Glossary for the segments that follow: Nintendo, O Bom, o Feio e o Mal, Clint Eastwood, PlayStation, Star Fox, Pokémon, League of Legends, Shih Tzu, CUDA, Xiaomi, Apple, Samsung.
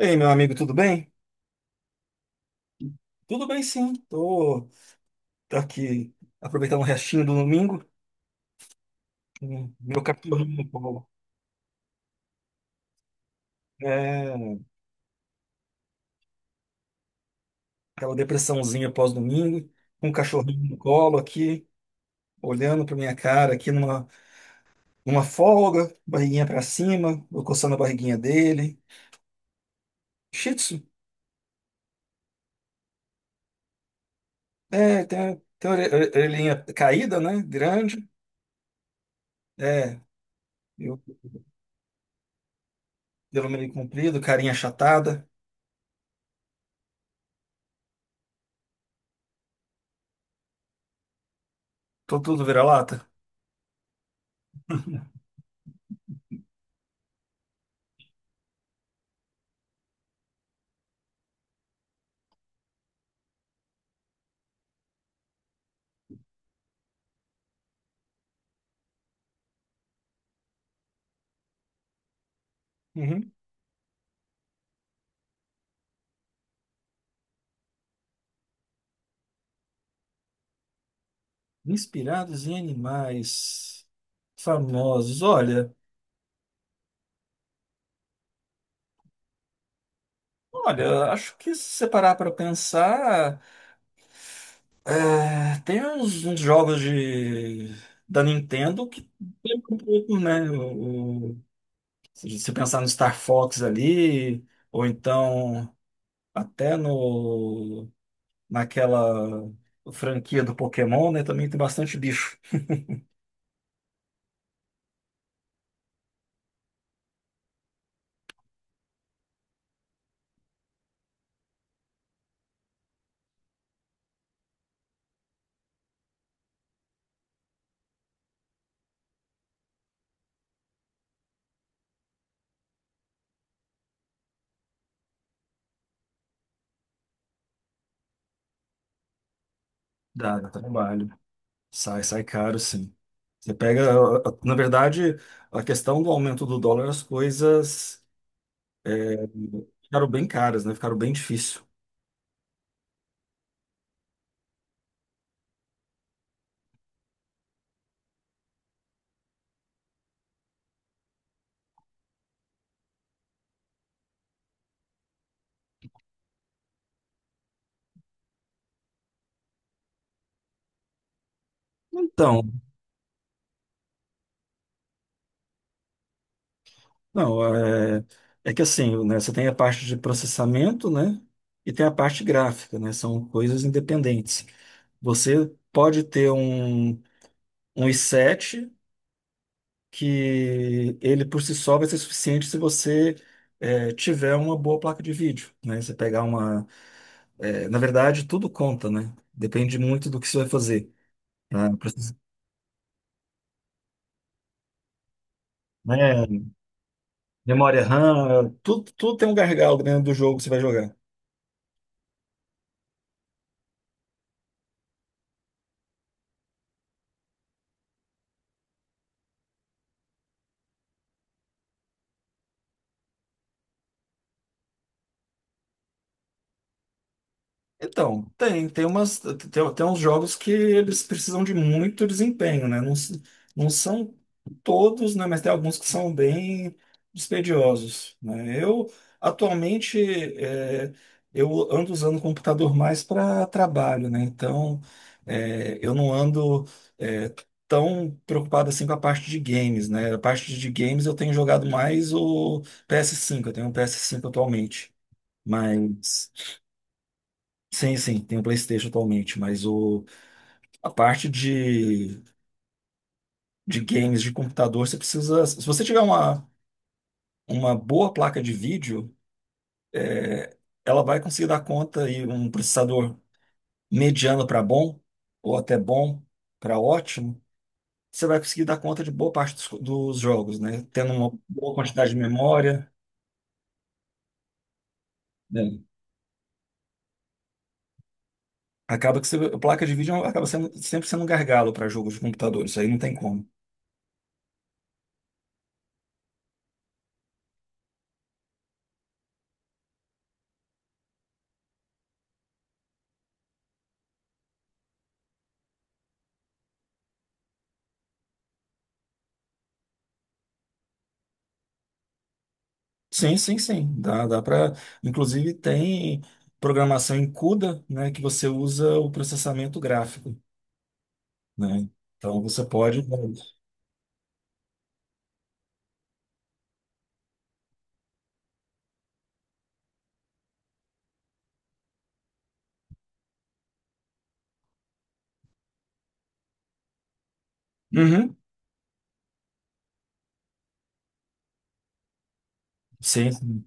Ei, meu amigo, tudo bem? Tudo bem, sim. Tô aqui aproveitando o restinho do domingo, meu cachorrinho, Paulo. É, aquela depressãozinha pós-domingo, com um cachorrinho no colo aqui, olhando pra minha cara numa folga, barriguinha pra cima, eu coçando a barriguinha dele. Shih Tzu, é, tem orelhinha caída, né? Grande, é, eu pelo meio comprido, carinha achatada, tô tudo vira-lata. Uhum. Inspirados em animais famosos. Olha, acho que se você parar para pensar, é, uns jogos de, da Nintendo que lembram um pouco, né? Se você pensar no Star Fox ali, ou então até no, naquela franquia do Pokémon, né? Também tem bastante bicho. Dá trabalho. Sai caro, sim. Você pega, na verdade, a questão do aumento do dólar, as coisas ficaram bem caras, né? Ficaram bem difícil. Então, não, é, é que assim, né? Você tem a parte de processamento, né? E tem a parte gráfica, né? São coisas independentes. Você pode ter um, um i7 que ele por si só vai ser suficiente se você tiver uma boa placa de vídeo, né? Você pegar uma, é, na verdade, tudo conta, né? Depende muito do que você vai fazer. Né? Né, memória RAM, tudo tem um gargalo dentro do jogo que você vai jogar. Então, tem uns jogos que eles precisam de muito desempenho, né? Não, não são todos, né? Mas tem alguns que são bem dispendiosos, né? Eu, atualmente, é, eu ando usando o computador mais para trabalho, né? Então, eu não ando, é, tão preocupado assim com a parte de games, né? A parte de games eu tenho jogado mais o ps cinco, eu tenho um PS5 atualmente, mas... Sim, sim, tem o PlayStation atualmente, mas a parte de games de computador, você precisa. Se você tiver uma boa placa de vídeo, ela vai conseguir dar conta e um processador mediano para bom, ou até bom para ótimo, você vai conseguir dar conta de boa parte dos jogos, né? Tendo uma boa quantidade de memória. Né? Acaba que você- a placa de vídeo acaba sendo, sempre sendo um gargalo para jogos de computador, isso aí não tem como. Sim, sim, sim. Dá para. Inclusive tem programação em CUDA, né, que você usa o processamento gráfico, né? Então você pode. Uhum. Sim, sim,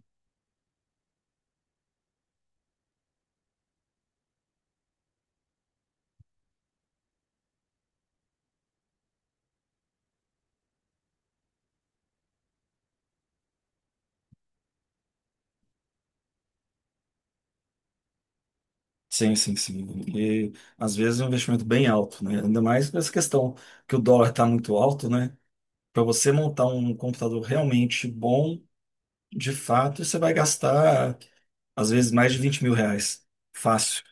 sim. E às vezes é um investimento bem alto, né? Ainda mais com essa questão que o dólar está muito alto, né? Para você montar um computador realmente bom, de fato, você vai gastar às vezes mais de 20 mil reais. Fácil.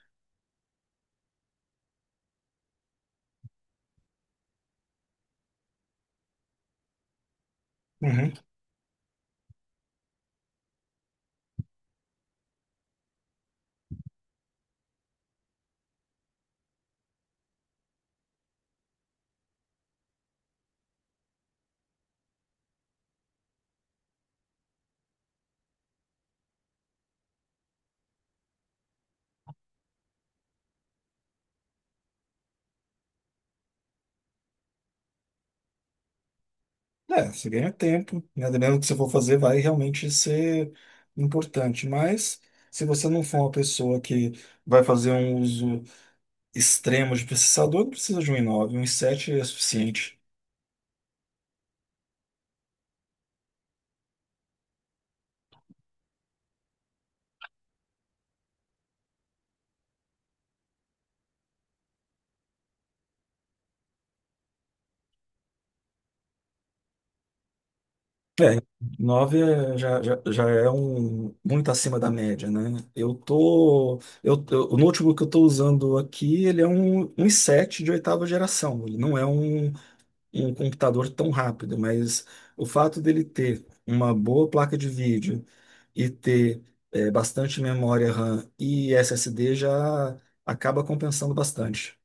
É, você ganha tempo, né? Dependendo do que você for fazer, vai realmente ser importante. Mas se você não for uma pessoa que vai fazer um uso extremo de processador, não precisa de um i9, um i7 é suficiente. É, 9 é- já é um muito acima da média, né? Eu tô, o notebook que eu tô usando aqui, um i7 de oitava geração. Ele não é um um computador tão rápido, mas o fato dele ter uma boa placa de vídeo e ter bastante memória RAM e SSD já acaba compensando bastante.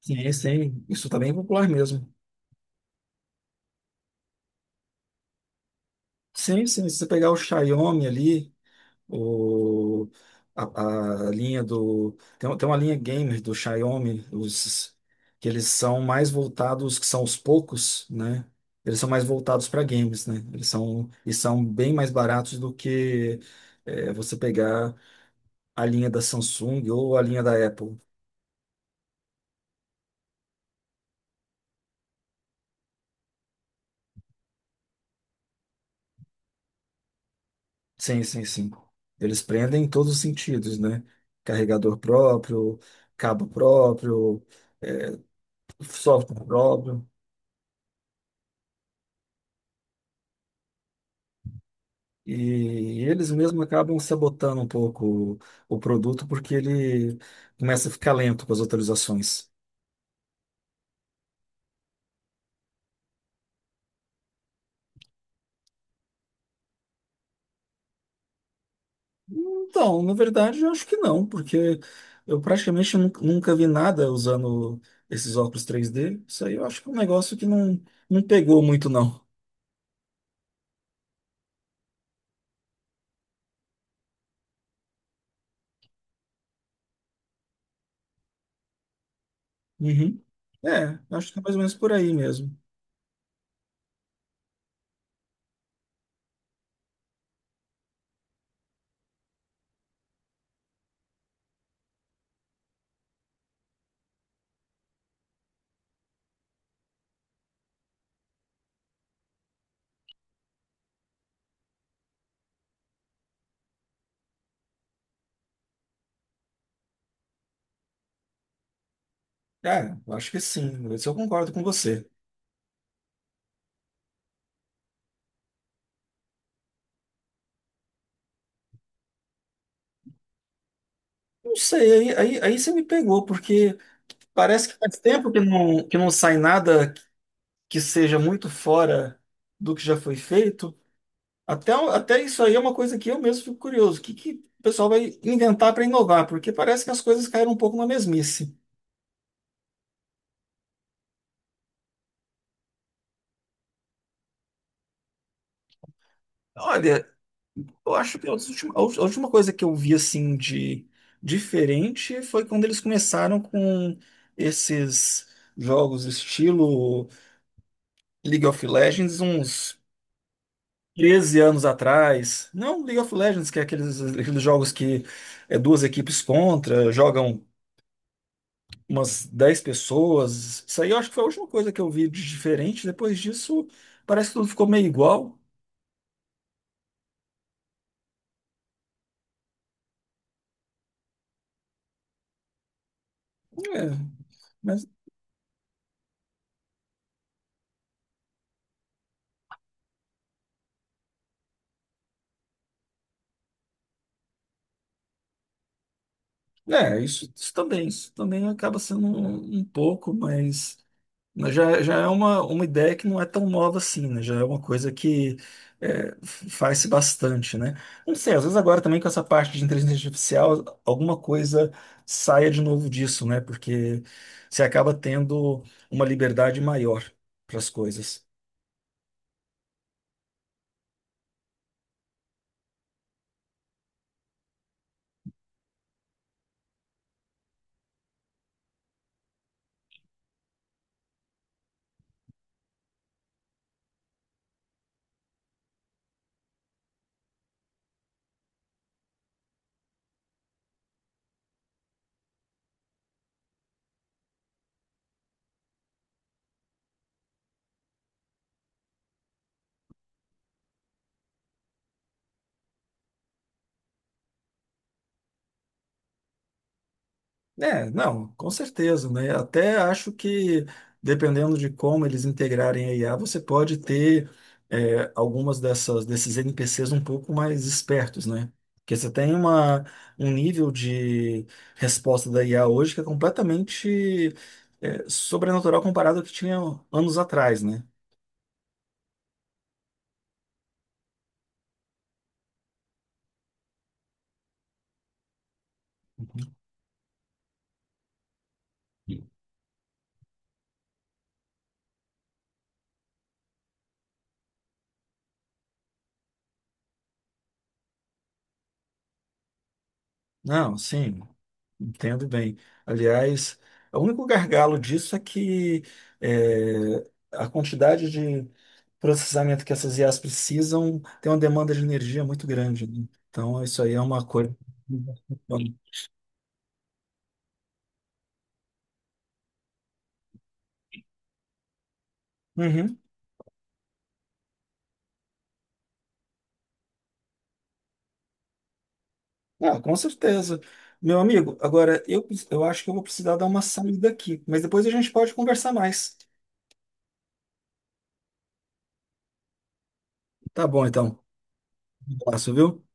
Sim, sim, isso tá bem popular mesmo. Sim, sim, se você pegar o Xiaomi ali, o, a linha do. Tem uma linha gamer do Xiaomi, os, que eles são mais voltados, que são os poucos, né? Eles são mais voltados para games, né? E são bem mais baratos do que você pegar a linha da Samsung ou a linha da Apple. Sim, sim, sim. Eles prendem em todos os sentidos, né? Carregador próprio, cabo próprio, software próprio. E eles mesmos acabam sabotando um pouco o, o produto porque ele começa a ficar lento com as atualizações. Então, na verdade, eu acho que não, porque eu praticamente nunca vi nada usando esses óculos 3D. Isso aí eu acho que é um negócio que não, não pegou muito, não. Uhum. É, acho que é mais ou menos por aí mesmo. Ah, eu acho que sim. Isso eu concordo com você. Não sei, aí você me pegou, porque parece que faz tempo que que não sai nada que seja muito fora do que já foi feito, até isso aí é uma coisa que eu mesmo fico curioso. O que, que o pessoal vai inventar para inovar? Porque parece que as coisas caíram um pouco na mesmice. Olha, eu acho que a última coisa que eu vi assim de diferente foi quando eles começaram com esses jogos estilo League of Legends, uns 13 anos atrás. Não League of Legends, que é aqueles jogos que é duas equipes contra, jogam umas 10 pessoas. Isso aí eu acho que foi a última coisa que eu vi de diferente. Depois disso, parece que tudo ficou meio igual. É, mas é, isso também acaba sendo um pouco, mas já é uma ideia que não é tão nova assim, né? Já é uma coisa que é, faz-se bastante, né? Não sei, às vezes agora também com essa parte de inteligência artificial, alguma coisa saia de novo disso, né? Porque você acaba tendo uma liberdade maior para as coisas. É, não, com certeza, né? Até acho que, dependendo de como eles integrarem a IA, você pode ter algumas dessas, desses NPCs um pouco mais espertos, né? Porque você tem um nível de resposta da IA hoje que é completamente sobrenatural comparado ao que tinha anos atrás, né? Não, sim. Entendo bem. Aliás, o único gargalo disso é que é, a quantidade de processamento que essas IAs precisam tem uma demanda de energia muito grande. Né? Então, isso aí é uma coisa. Uhum. Ah, com certeza. Meu amigo, agora eu acho que eu vou precisar dar uma saída aqui, mas depois a gente pode conversar mais. Tá bom, então. Um abraço, viu?